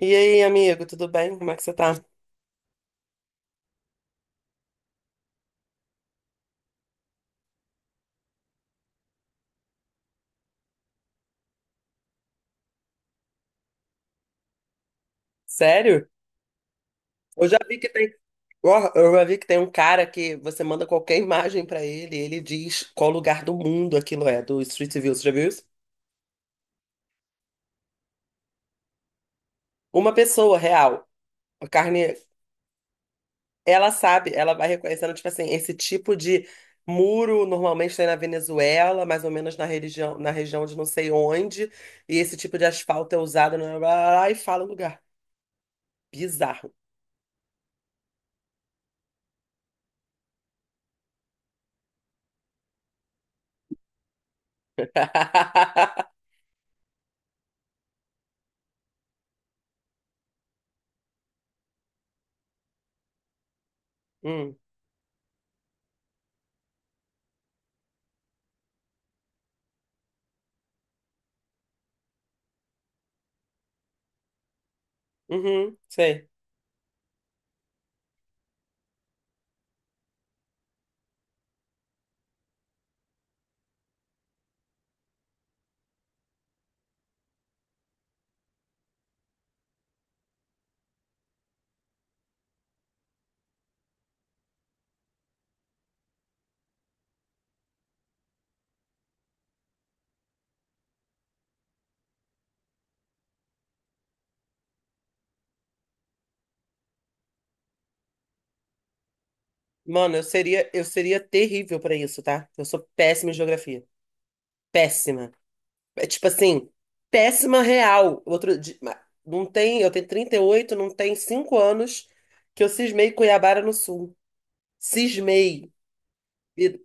E aí, amigo, tudo bem? Como é que você tá? Sério? Eu já vi que tem, Ó, eu já vi que tem um cara que você manda qualquer imagem pra ele, e ele diz qual lugar do mundo aquilo é, do Street View, você já viu isso? Uma pessoa real, a carne, ela sabe, ela vai reconhecendo, tipo assim, esse tipo de muro normalmente tem na Venezuela, mais ou menos na religião, na região de não sei onde, e esse tipo de asfalto é usado, blá, blá, blá, blá, e fala o lugar. Bizarro. Hum, uhum, sei. Mano, eu seria terrível pra isso, tá? Eu sou péssima em geografia. Péssima. É tipo assim, péssima real. Não tem, eu tenho 38, não tem 5 anos que eu cismei Cuiabá no Sul. Cismei. E-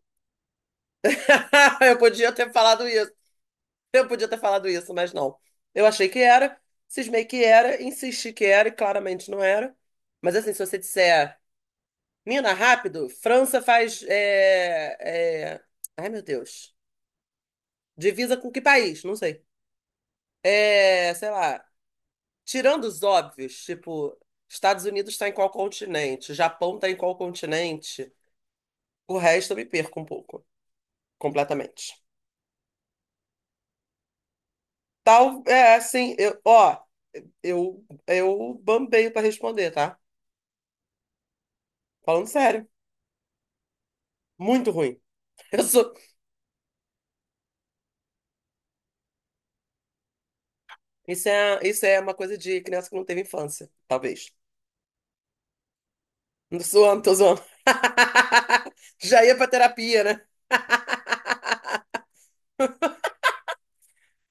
Eu podia ter falado isso. Eu podia ter falado isso, mas não. Eu achei que era, cismei que era, insisti que era e claramente não era. Mas assim, se você disser, Mina, rápido, França faz é, é, ai, meu Deus. Divisa com que país? Não sei. É, sei lá. Tirando os óbvios, tipo, Estados Unidos está em qual continente? Japão está em qual continente? O resto eu me perco um pouco, completamente. Tal, é assim, eu, ó, eu bambeio para responder, tá? Falando sério, muito ruim. Eu sou, isso é uma coisa de criança que não teve infância, talvez. Não zoando, tô zoando. Já ia pra terapia, né?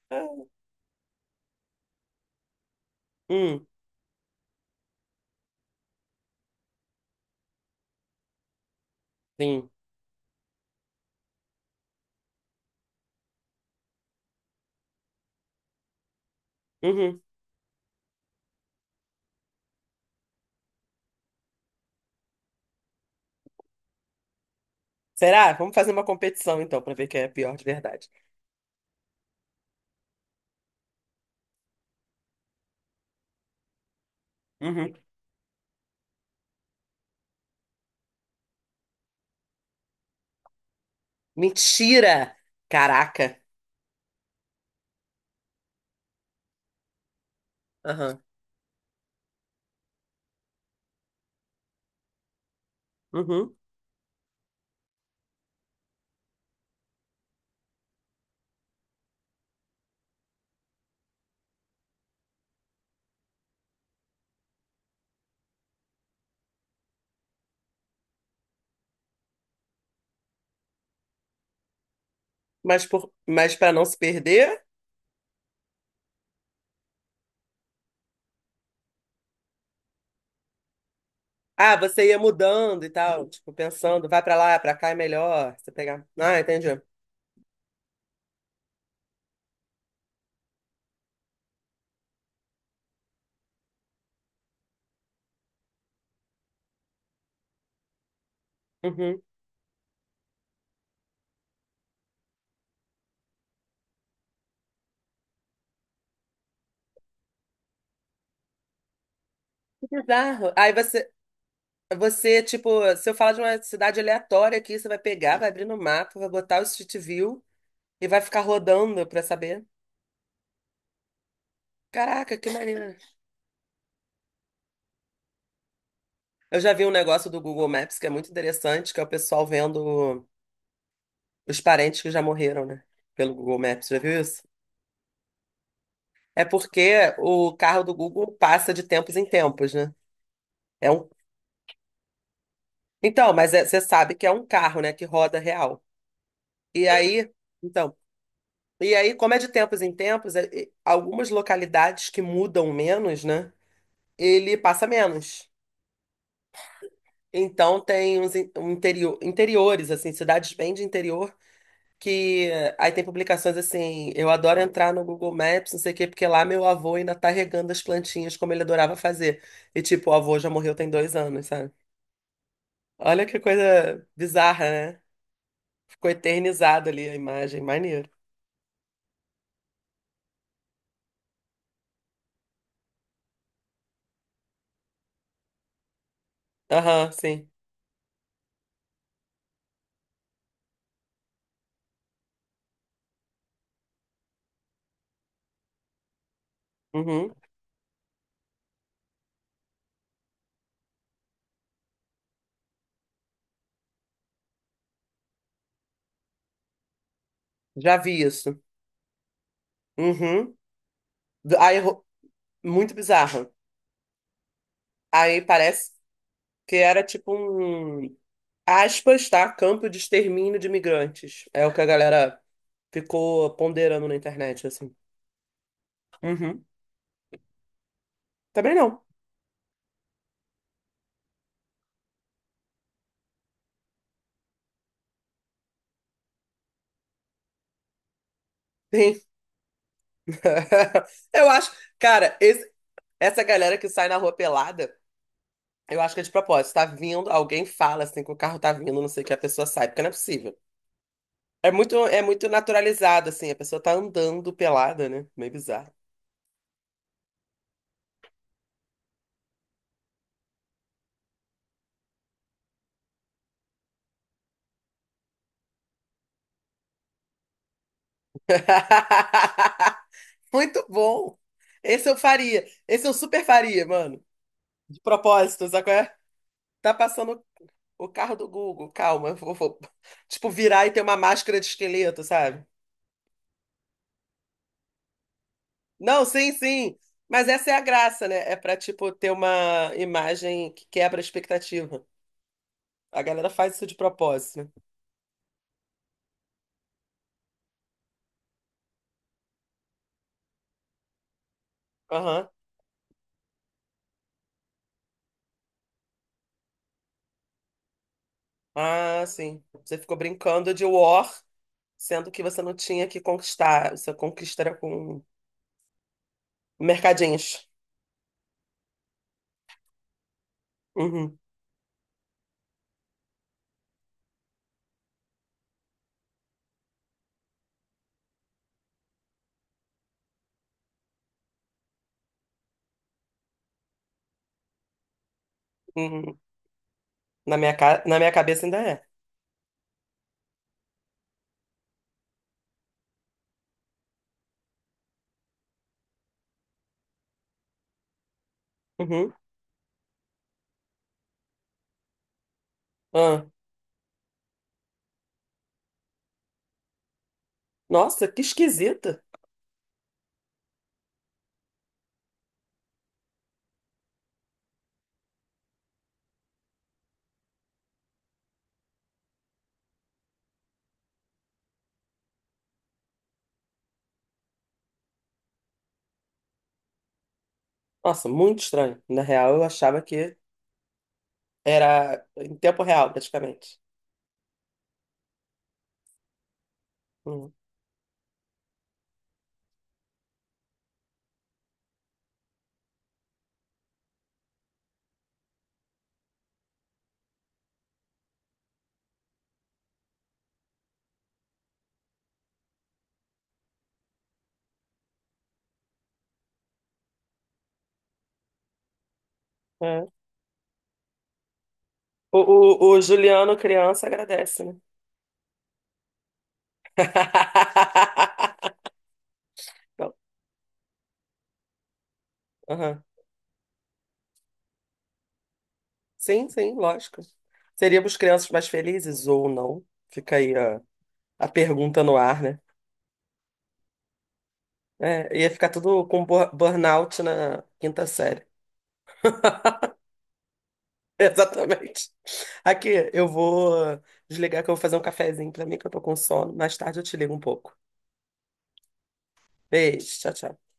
Ah, hum, sim. Uhum. Será? Vamos fazer uma competição então, pra ver quem é pior de verdade. Uhum. Mentira! Caraca! Aham. Uhum. Mas, por... mas para não se perder. Ah, você ia mudando e tal, tipo, pensando, vai pra lá, pra cá é melhor, você pegar. Ah, entendi. Uhum. Que bizarro. Aí você, você, tipo, se eu falar de uma cidade aleatória aqui, você vai pegar, vai abrir no mapa, vai botar o Street View e vai ficar rodando pra saber. Caraca, que maneiro. Eu já vi um negócio do Google Maps que é muito interessante, que é o pessoal vendo. Os parentes que já morreram, né? Pelo Google Maps, já viu isso? É porque o carro do Google passa de tempos em tempos, né? É um... Então, você sabe que é um carro, né? Que roda real. E aí, então, e aí, como é de tempos em tempos, algumas localidades que mudam menos, né? Ele passa menos. Então tem um interior, interiores, assim, cidades bem de interior que aí tem publicações assim, eu adoro entrar no Google Maps, não sei o quê, porque lá meu avô ainda tá regando as plantinhas como ele adorava fazer. E tipo, o avô já morreu tem 2 anos, sabe? Olha que coisa bizarra, né? Ficou eternizado ali a imagem, maneiro. Aham, sim. Uhum. Já vi isso. Uhum. Aí, muito bizarro. Aí parece que era tipo um, aspas, tá? Campo de extermínio de imigrantes. É o que a galera ficou ponderando na internet, assim. Uhum. Também não. Sim. Eu acho, cara, essa galera que sai na rua pelada, eu acho que é de propósito. Tá vindo, alguém fala assim que o carro tá vindo, não sei o que a pessoa sai, porque não é possível. É muito naturalizado, assim, a pessoa tá andando pelada, né? Meio bizarro. Muito bom. Esse eu faria. Esse eu super faria, mano. De propósito, sabe qual é? Tá passando o carro do Google, calma, eu vou tipo, virar e ter uma máscara de esqueleto, sabe? Não, sim, sim. Mas essa é a graça, né? É pra, tipo, ter uma imagem que quebra a expectativa. A galera faz isso de propósito. Né? Aham. Ah, sim. Você ficou brincando de war, sendo que você não tinha que conquistar. Você conquista era com mercadinhos. Uhum, uhum. Na minha cabeça ainda é. Uhum. Ah. Nossa, que esquisita. Nossa, muito estranho. Na real, eu achava que era em tempo real, praticamente. Uhum. É. O, o Juliano, criança, agradece, né? Não. Aham. Sim, sim, lógico. Seríamos crianças mais felizes ou não? Fica aí a pergunta no ar, né? É, ia ficar tudo com burnout na quinta série. Exatamente. Aqui, eu vou desligar que eu vou fazer um cafezinho pra mim, que eu tô com sono. Mais tarde eu te ligo um pouco. Beijo, tchau, tchau.